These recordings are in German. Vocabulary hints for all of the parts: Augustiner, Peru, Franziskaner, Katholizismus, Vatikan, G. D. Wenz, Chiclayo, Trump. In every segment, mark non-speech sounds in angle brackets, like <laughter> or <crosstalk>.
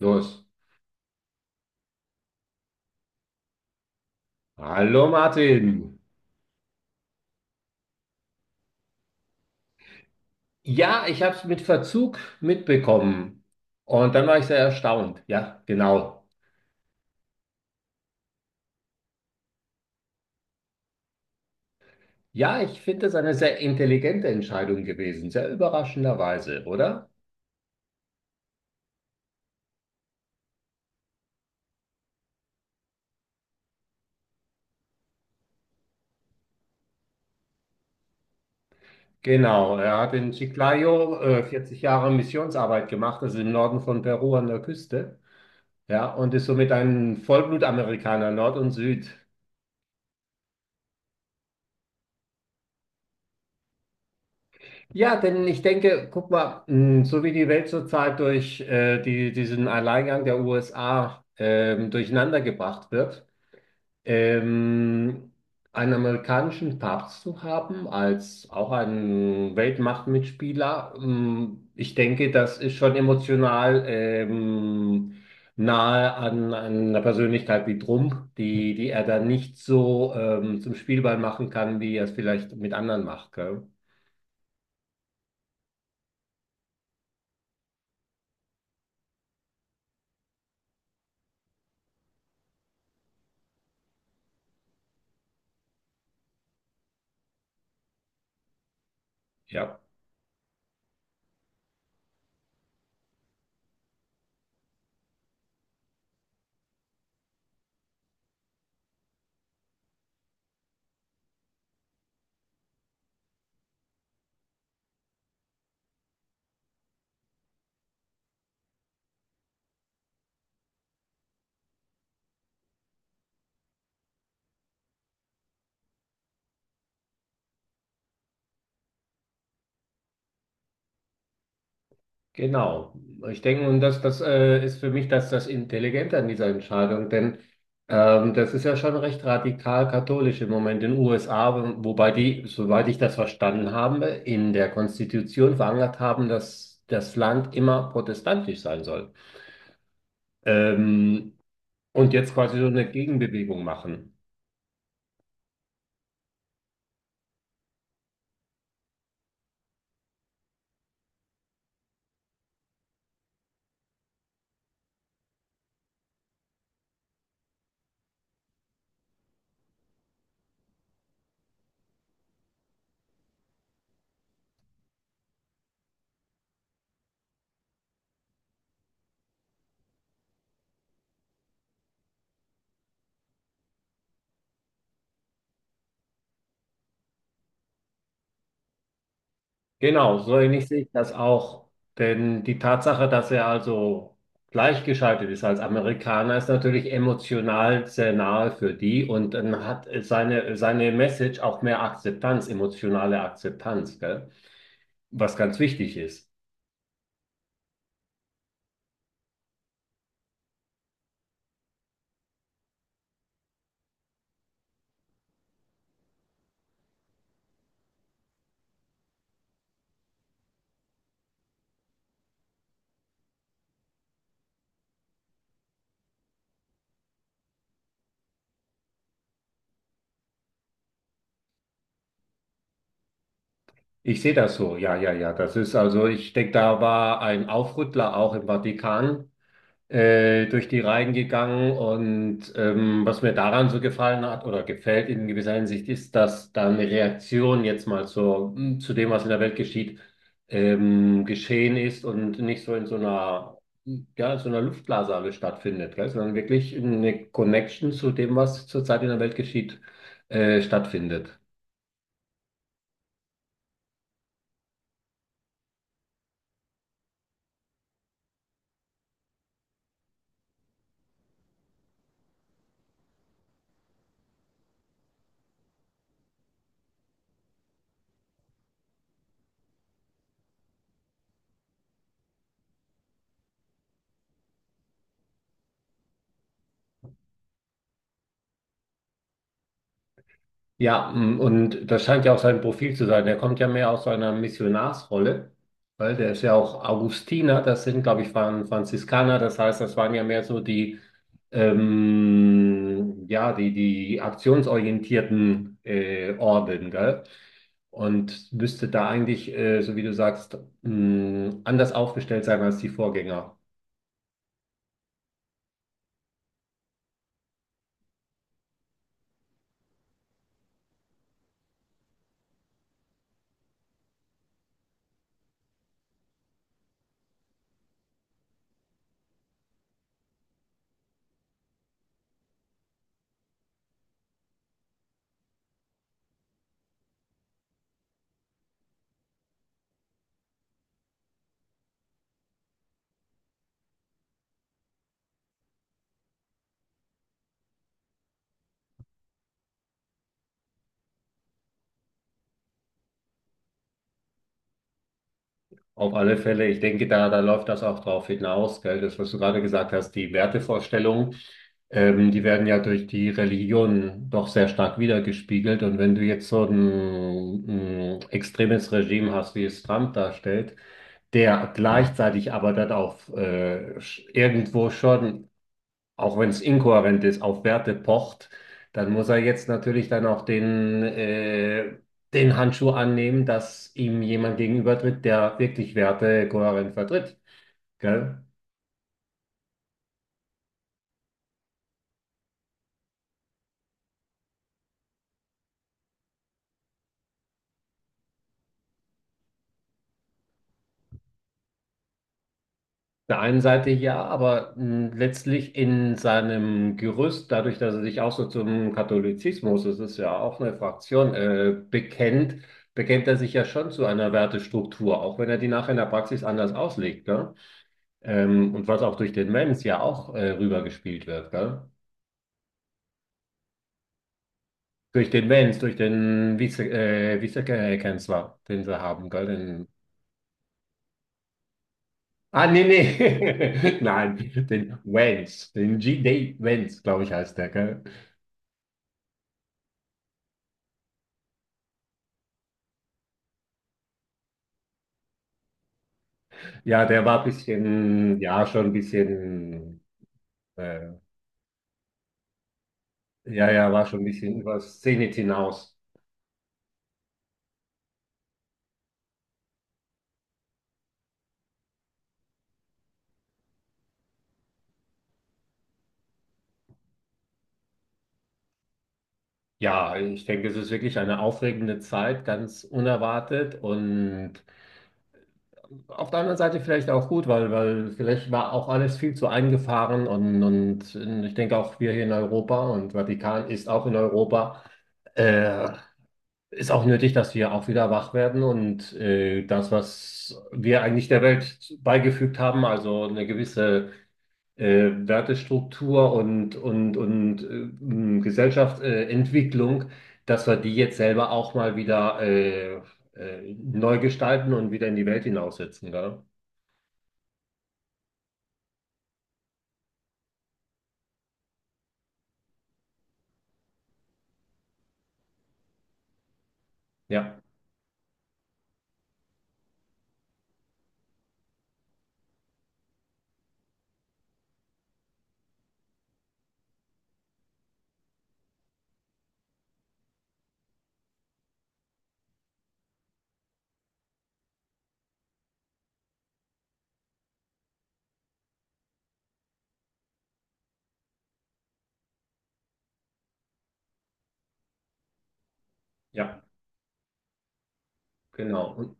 Los. Hallo Martin. Ja, ich habe es mit Verzug mitbekommen. Und dann war ich sehr erstaunt. Ja, genau. Ja, ich finde es eine sehr intelligente Entscheidung gewesen. Sehr überraschenderweise, oder? Genau. Er hat in Chiclayo 40 Jahre Missionsarbeit gemacht. Das ist im Norden von Peru an der Küste. Ja, und ist somit ein Vollblutamerikaner, Nord und Süd. Ja, denn ich denke, guck mal, mh, so wie die Welt zurzeit durch diesen Alleingang der USA durcheinander gebracht wird, ähm, einen amerikanischen Papst zu haben als auch einen Weltmachtmitspieler, mh, ich denke, das ist schon emotional nahe an einer Persönlichkeit wie Trump, die er dann nicht so zum Spielball machen kann, wie er es vielleicht mit anderen macht, gell? Ja. Genau. Ich denke, und das ist für mich das Intelligente an dieser Entscheidung, denn das ist ja schon recht radikal katholisch im Moment in den USA, wobei die, soweit ich das verstanden habe, in der Konstitution verankert haben, dass das Land immer protestantisch sein soll. Ähm, und jetzt quasi so eine Gegenbewegung machen. Genau, so ähnlich sehe ich das auch. Denn die Tatsache, dass er also gleichgeschaltet ist als Amerikaner, ist natürlich emotional sehr nahe für die und dann hat seine Message auch mehr Akzeptanz, emotionale Akzeptanz, gell? Was ganz wichtig ist. Ich sehe das so, ja, ja, ja. Das ist also, ich denke, da war ein Aufrüttler auch im Vatikan durch die Reihen gegangen. Und was mir daran so gefallen hat oder gefällt in gewisser Hinsicht, ist, dass da eine Reaktion jetzt mal zu dem, was in der Welt geschieht, geschehen ist und nicht so in so einer, hm, ja, in so einer Luftblase alles stattfindet, gell? Sondern wirklich eine Connection zu dem, was zurzeit in der Welt geschieht, stattfindet. Ja, m, und das scheint ja auch sein Profil zu sein. Der kommt ja mehr aus so einer Missionarsrolle, weil der ist ja auch Augustiner, das sind, glaube ich, waren Franziskaner, das heißt, das waren ja mehr so die, ja, die aktionsorientierten Orden, gell? Und müsste da eigentlich, so wie du sagst, m, anders aufgestellt sein als die Vorgänger. Auf alle Fälle, ich denke, da läuft das auch drauf hinaus, gell? Das, was du gerade gesagt hast, die Wertevorstellungen, die werden ja durch die Religion doch sehr stark wiedergespiegelt. Und wenn du jetzt so ein extremes Regime hast, wie es Trump darstellt, der gleichzeitig aber dann auch irgendwo schon auch wenn es inkohärent ist, auf Werte pocht, dann muss er jetzt natürlich dann auch den Handschuh annehmen, dass ihm jemand gegenübertritt, der wirklich Werte kohärent vertritt. Gell? Auf der einen Seite ja, aber mh, letztlich in seinem Gerüst, dadurch, dass er sich auch so zum Katholizismus, das ist ja auch eine Fraktion, bekennt, bekennt er sich ja schon zu einer Wertestruktur, auch wenn er die nachher in der Praxis anders auslegt. Ne? Und was auch durch den Mens ja auch rübergespielt wird, gell? Durch den Mens, durch den Vize, Vizekanzler, den sie haben, gell? Den, ah, nee, nee. <laughs> Nein, den Wenz, den G. D. Wenz, glaube ich, heißt der, gell? Ja, der war ein bisschen, ja, schon ein bisschen, äh, ja, ja, war schon ein bisschen über das Zenit hinaus. Ja, ich denke, es ist wirklich eine aufregende Zeit, ganz unerwartet und auf der anderen Seite vielleicht auch gut, weil vielleicht war auch alles viel zu eingefahren und ich denke auch wir hier in Europa und Vatikan ist auch in Europa, äh, ist auch nötig, dass wir auch wieder wach werden und das, was wir eigentlich der Welt beigefügt haben, also eine gewisse Wertestruktur und Gesellschaftsentwicklung, dass wir die jetzt selber auch mal wieder neu gestalten und wieder in die Welt hinaussetzen, gell? Ja. Ja, genau. Und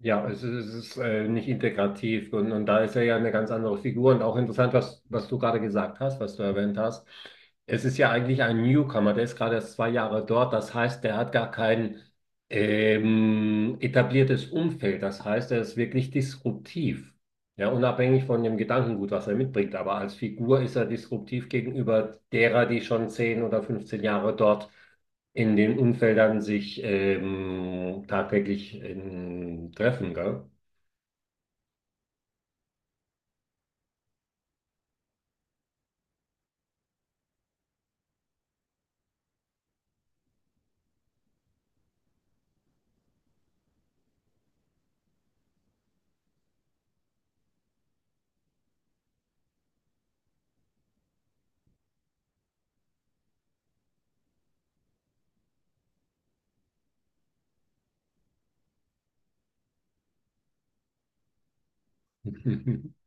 ja, es ist nicht integrativ und da ist er ja eine ganz andere Figur und auch interessant, was du gerade gesagt hast, was du erwähnt hast. Es ist ja eigentlich ein Newcomer, der ist gerade erst zwei Jahre dort. Das heißt, der hat gar kein etabliertes Umfeld. Das heißt, er ist wirklich disruptiv. Ja, unabhängig von dem Gedankengut, was er mitbringt. Aber als Figur ist er disruptiv gegenüber derer, die schon 10 oder 15 Jahre dort in den Umfeldern sich tagtäglich treffen, gell? <laughs>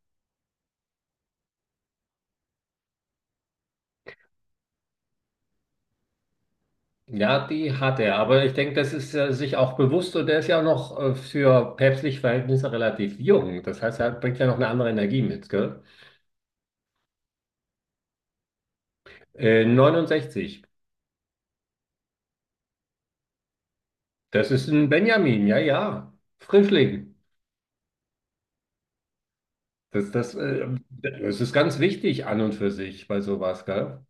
Ja, die hat er, aber ich denke, das ist er sich auch bewusst und der ist ja auch noch für päpstliche Verhältnisse relativ jung. Das heißt, er bringt ja noch eine andere Energie mit, gell? 69. Das ist ein Benjamin, ja, ja. Frischling. Das ist ganz wichtig an und für sich bei sowas, gell?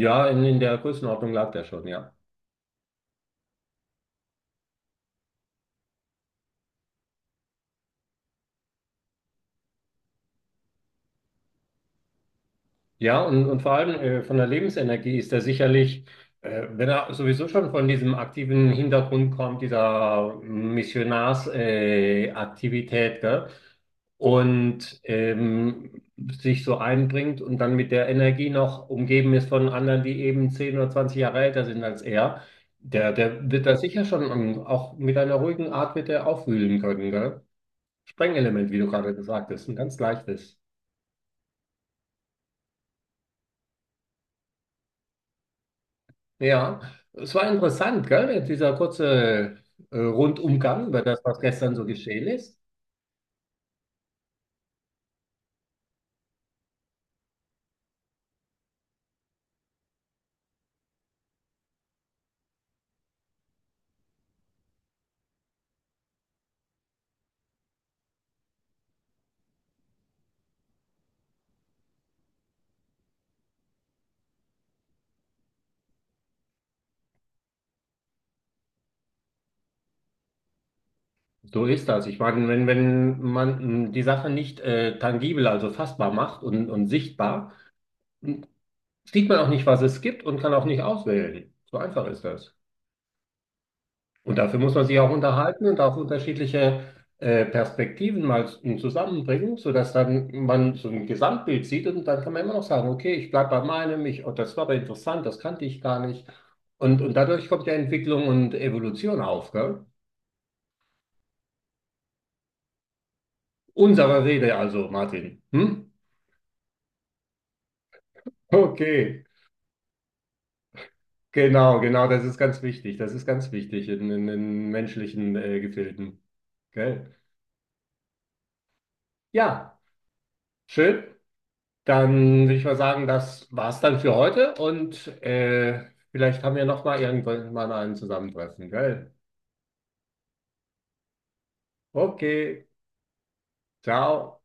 Ja, in der Größenordnung lag der schon, ja. Ja, und vor allem von der Lebensenergie ist er sicherlich, wenn er sowieso schon von diesem aktiven Hintergrund kommt, dieser Missionarsaktivität, Aktivität, gell? Und sich so einbringt und dann mit der Energie noch umgeben ist von anderen, die eben 10 oder 20 Jahre älter sind als er, der wird da sicher schon auch mit einer ruhigen Art wird er aufwühlen können, gell? Sprengelement, wie du gerade gesagt hast, ein ganz leichtes. Ja, es war interessant, gell? Jetzt dieser kurze Rundumgang über das, was gestern so geschehen ist. So ist das. Ich meine, wenn man mh, die Sache nicht tangibel, also fassbar macht und sichtbar, mh, sieht man auch nicht, was es gibt und kann auch nicht auswählen. So einfach ist das. Und dafür muss man sich auch unterhalten und auch unterschiedliche Perspektiven mal zusammenbringen, sodass dann man so ein Gesamtbild sieht und dann kann man immer noch sagen, okay, ich bleibe bei meinem, ich, oh, das war aber interessant, das kannte ich gar nicht. Und dadurch kommt ja Entwicklung und Evolution auf, gell? Unsere Rede also, Martin. Hm? Okay, genau, genau, das ist ganz wichtig. Das ist ganz wichtig in menschlichen Gefilden. Gell? Ja, schön. Dann würde ich mal sagen, das war's dann für heute und vielleicht haben wir noch mal irgendwann mal ein Zusammentreffen, gell? Okay, ciao.